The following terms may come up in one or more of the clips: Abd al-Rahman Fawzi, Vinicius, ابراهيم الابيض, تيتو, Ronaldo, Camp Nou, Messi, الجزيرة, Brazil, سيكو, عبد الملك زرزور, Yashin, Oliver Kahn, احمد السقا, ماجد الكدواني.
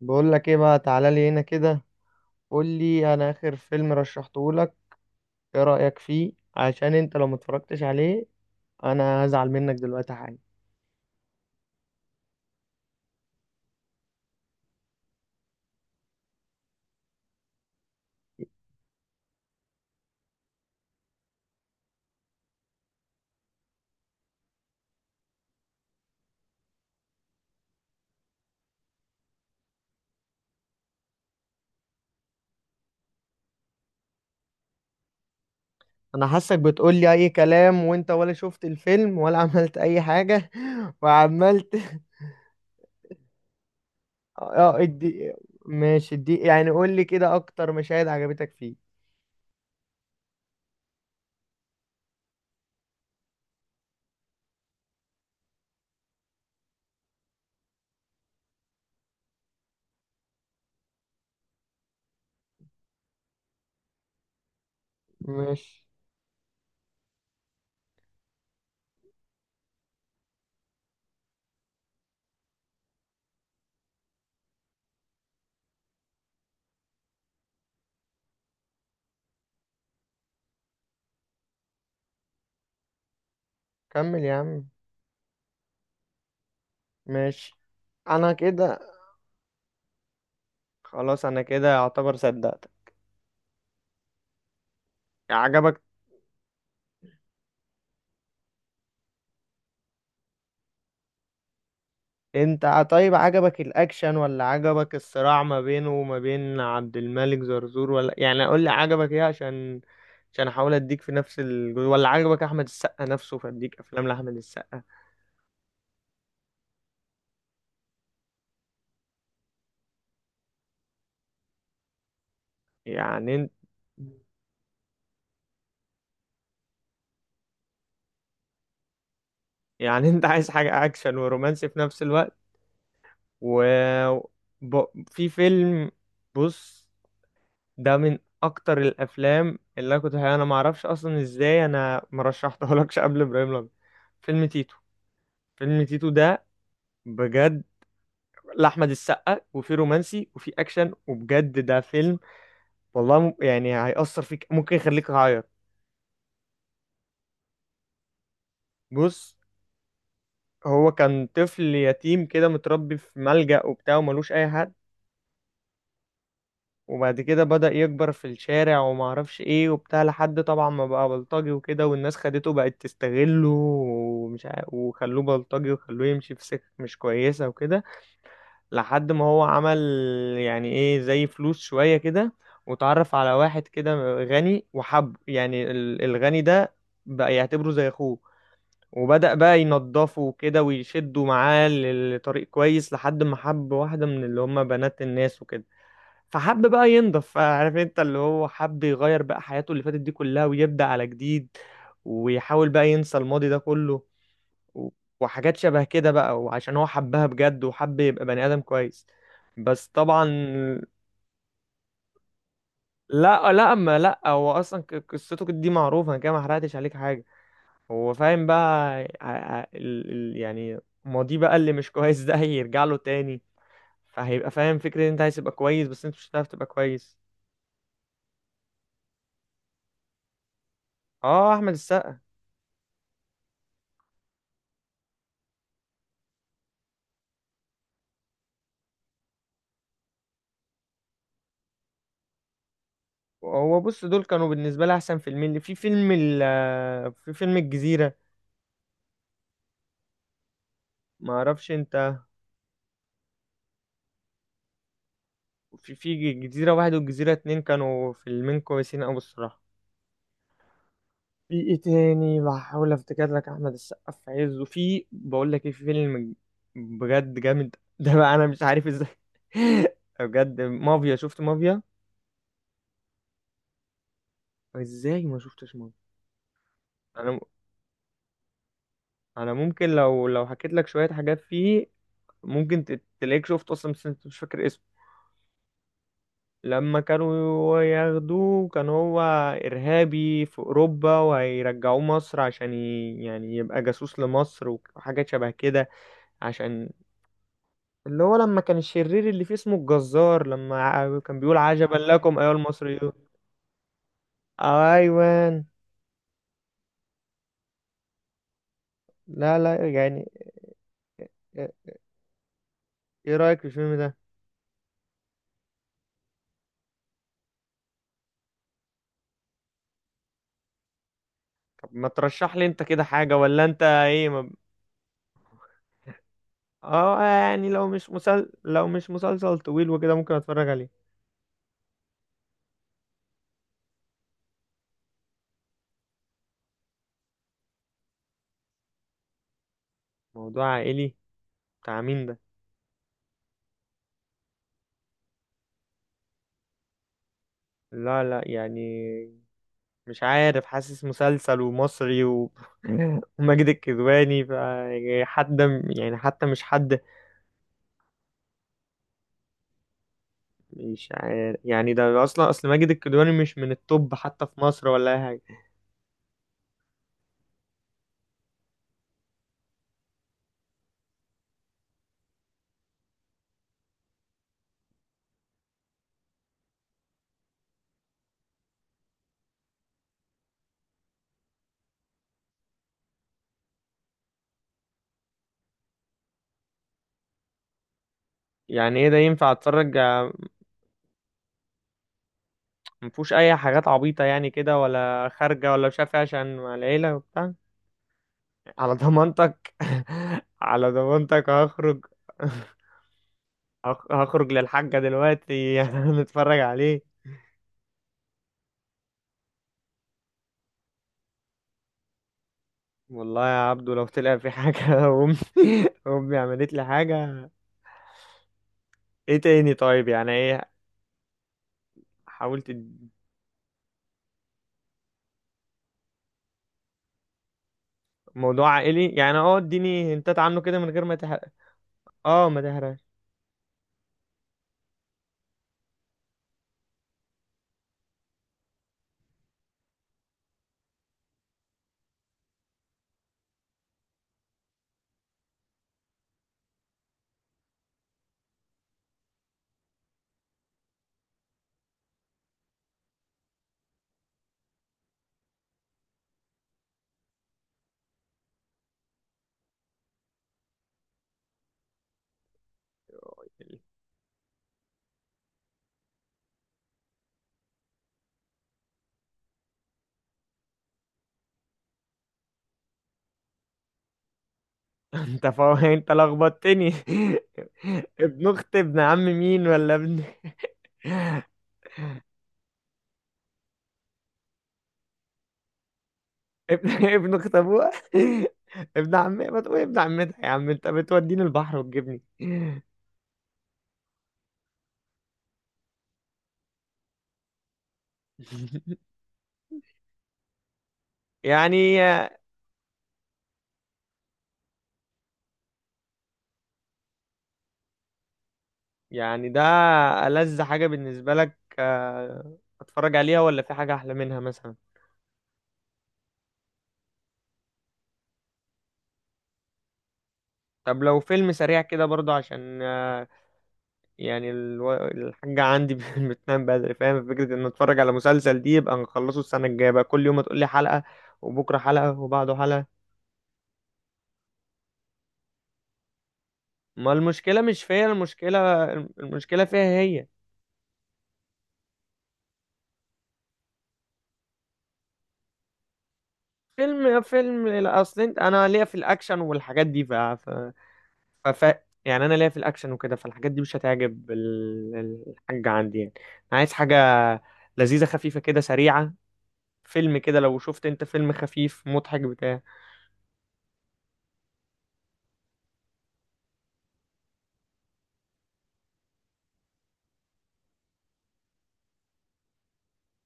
بقول لك ايه بقى؟ تعالى لي هنا كده. قول لي، انا اخر فيلم رشحته لك ايه رأيك فيه؟ عشان انت لو متفرجتش عليه انا هزعل منك دلوقتي حالا. انا حاسك بتقول لي اي كلام، وانت ولا شفت الفيلم ولا عملت اي حاجة وعملت. اه اه، ادي. ماشي، ادي يعني قول لي كده اكتر مشاهد عجبتك فيه. ماشي. كمل يا عم. ماشي. انا كده. خلاص، انا كده اعتبر صدقتك. عجبك؟ طيب، عجبك الاكشن ولا عجبك الصراع ما بينه وما بين عبد الملك زرزور؟ ولا يعني قول لي عجبك ايه؟ عشان احاول اديك في نفس ولا عجبك احمد السقا نفسه فاديك افلام لاحمد السقا؟ يعني انت يعني انت عايز حاجة اكشن ورومانسي في نفس الوقت؟ و ب... في فيلم. بص، ده من اكتر الافلام اللي انا كنت انا ما اعرفش اصلا ازاي انا ما رشحتهولكش قبل ابراهيم الابيض. فيلم تيتو. فيلم تيتو ده، بجد، لاحمد السقا، وفي رومانسي وفي اكشن، وبجد ده فيلم والله يعني هيأثر فيك، ممكن يخليك تعيط. بص، هو كان طفل يتيم كده متربي في ملجأ وبتاع، وملوش اي حد. وبعد كده بدأ يكبر في الشارع وما اعرفش ايه وبتاع، لحد طبعا ما بقى بلطجي وكده، والناس خدته بقت تستغله وخلوه بلطجي وخلوه يمشي في سكة مش كويسة وكده. لحد ما هو عمل يعني ايه زي فلوس شوية كده، وتعرف على واحد كده غني، وحب يعني الغني ده بقى يعتبره زي اخوه، وبدأ بقى ينضفه كده ويشده معاه لطريق كويس لحد ما حب واحدة من اللي هم بنات الناس وكده. فحب بقى ينضف، عارف انت، اللي هو حب يغير بقى حياته اللي فاتت دي كلها ويبدأ على جديد، ويحاول بقى ينسى الماضي ده كله. و- وحاجات شبه كده بقى، وعشان هو حبها بجد وحب يبقى بني آدم كويس، بس طبعا. لا لا، ما لا هو اصلا قصته دي معروفة، انا كده ما حرقتش عليك حاجة. هو فاهم بقى يعني ماضيه بقى اللي مش كويس ده هيرجع له تاني، فهيبقى فاهم فكرة ان انت عايز تبقى كويس بس انت مش هتعرف تبقى كويس. اه، احمد السقا. هو بص، دول كانوا بالنسبة لي احسن فيلمين في فيلم الجزيرة، ما اعرفش انت. في جزيرة واحد والجزيرة اتنين كانوا فيلمين كويسين أوي الصراحة. في ايه تاني بحاول افتكر لك؟ احمد السقا في عزه، في بقول لك ايه، في فيلم بجد جامد ده بقى انا مش عارف ازاي. بجد مافيا، شفت مافيا؟ ازاي ما شفتش مافيا؟ انا، انا ممكن لو حكيت لك شوية حاجات فيه ممكن تلاقيك شفت اصلا بس انت مش فاكر اسمه. لما كانوا ياخدوه كان هو إرهابي في أوروبا، وهيرجعوه مصر عشان يعني يبقى جاسوس لمصر وحاجة شبه كده، عشان اللي هو لما كان الشرير اللي فيه اسمه الجزار لما كان بيقول عجبا لكم أيها المصريون. أيوان. لا لا يعني، ايه رأيك في الفيلم ده؟ طب ما ترشح لي انت كده حاجة، ولا انت ايه ما... اه يعني لو مش مسلسل طويل وكده ممكن اتفرج عليه. موضوع عائلي؟ بتاع مين ده؟ لا لا يعني، مش عارف، حاسس مسلسل ومصري. وماجد الكدواني ف يعني حد، يعني حتى مش حد. مش عارف يعني، ده اصلا اصل ماجد الكدواني مش من التوب حتى في مصر ولا اي حاجه. يعني ايه ده، ينفع اتفرج مفهوش اي حاجات عبيطه يعني كده ولا خارجه ولا مش عارف إيه، عشان مع العيله وبتاع؟ على ضمانتك؟ على ضمانتك هخرج. هخرج للحاجه دلوقتي نتفرج عليه. والله يا عبدو لو طلع في حاجة أمي، أمي عملت لي حاجة. إيه تاني طيب؟ يعني إيه؟ حاولت موضوع عائلي يعني أه، إديني هنتات عنه كده من غير ما تحرق. أه ما تحرقش. أنت لخبطتني. ابن أخت ابن عم مين ولا ابن؟ ابن أخت أبوها. ابن عمتها، ما تقول ابن عمتها يا عم، أنت بتوديني البحر وتجيبني. يعني، يعني ده ألذ حاجة بالنسبة لك، أتفرج عليها ولا في حاجة أحلى منها مثلا؟ طب لو فيلم سريع كده برضه عشان، يعني الحاجة عندي بتنام بدري، فاهم فكرة إن أتفرج على مسلسل دي يبقى نخلصه السنة الجاية بقى، كل يوم هتقولي حلقة، وبكرة حلقة، وبعده حلقة. ما المشكلة مش فيا، المشكلة فيها هي. فيلم لا، أصل أنا ليا في الأكشن والحاجات دي فف... يعني انا ليا في الاكشن وكده، فالحاجات دي مش هتعجب الحاجة عندي يعني، انا عايز حاجة لذيذة خفيفة كده سريعة. فيلم كده، لو شفت انت فيلم خفيف مضحك بتاع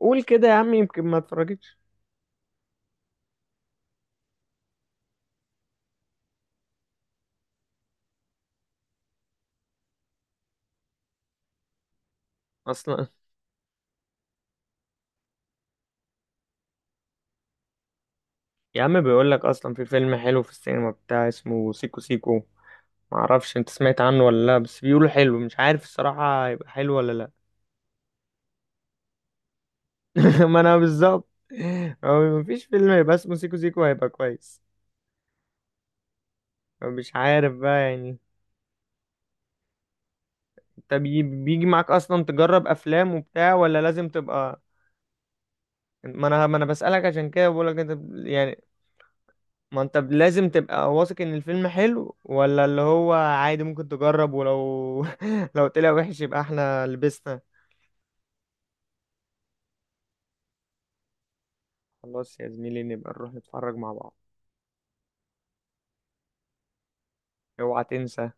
قول كده يا عم، يمكن ما اتفرجتش اصلا. يا عم بيقول لك اصلا في فيلم حلو في السينما بتاع اسمه سيكو سيكو، معرفش انت سمعت عنه ولا لا، بس بيقولوا حلو، مش عارف الصراحة هيبقى حلو ولا لا. ما انا بالظبط، هو مفيش فيلم هيبقى اسمه سيكو سيكو هيبقى كويس. مش عارف بقى يعني. طب بيجي معاك اصلا تجرب افلام وبتاع ولا لازم تبقى؟ ما انا بسألك، عشان كده بقول لك انت يعني، ما انت لازم تبقى واثق ان الفيلم حلو، ولا اللي هو عادي ممكن تجرب؟ ولو لو طلع وحش يبقى احنا لبسنا. خلاص يا زميلي، نبقى نروح نتفرج مع بعض. اوعى تنسى.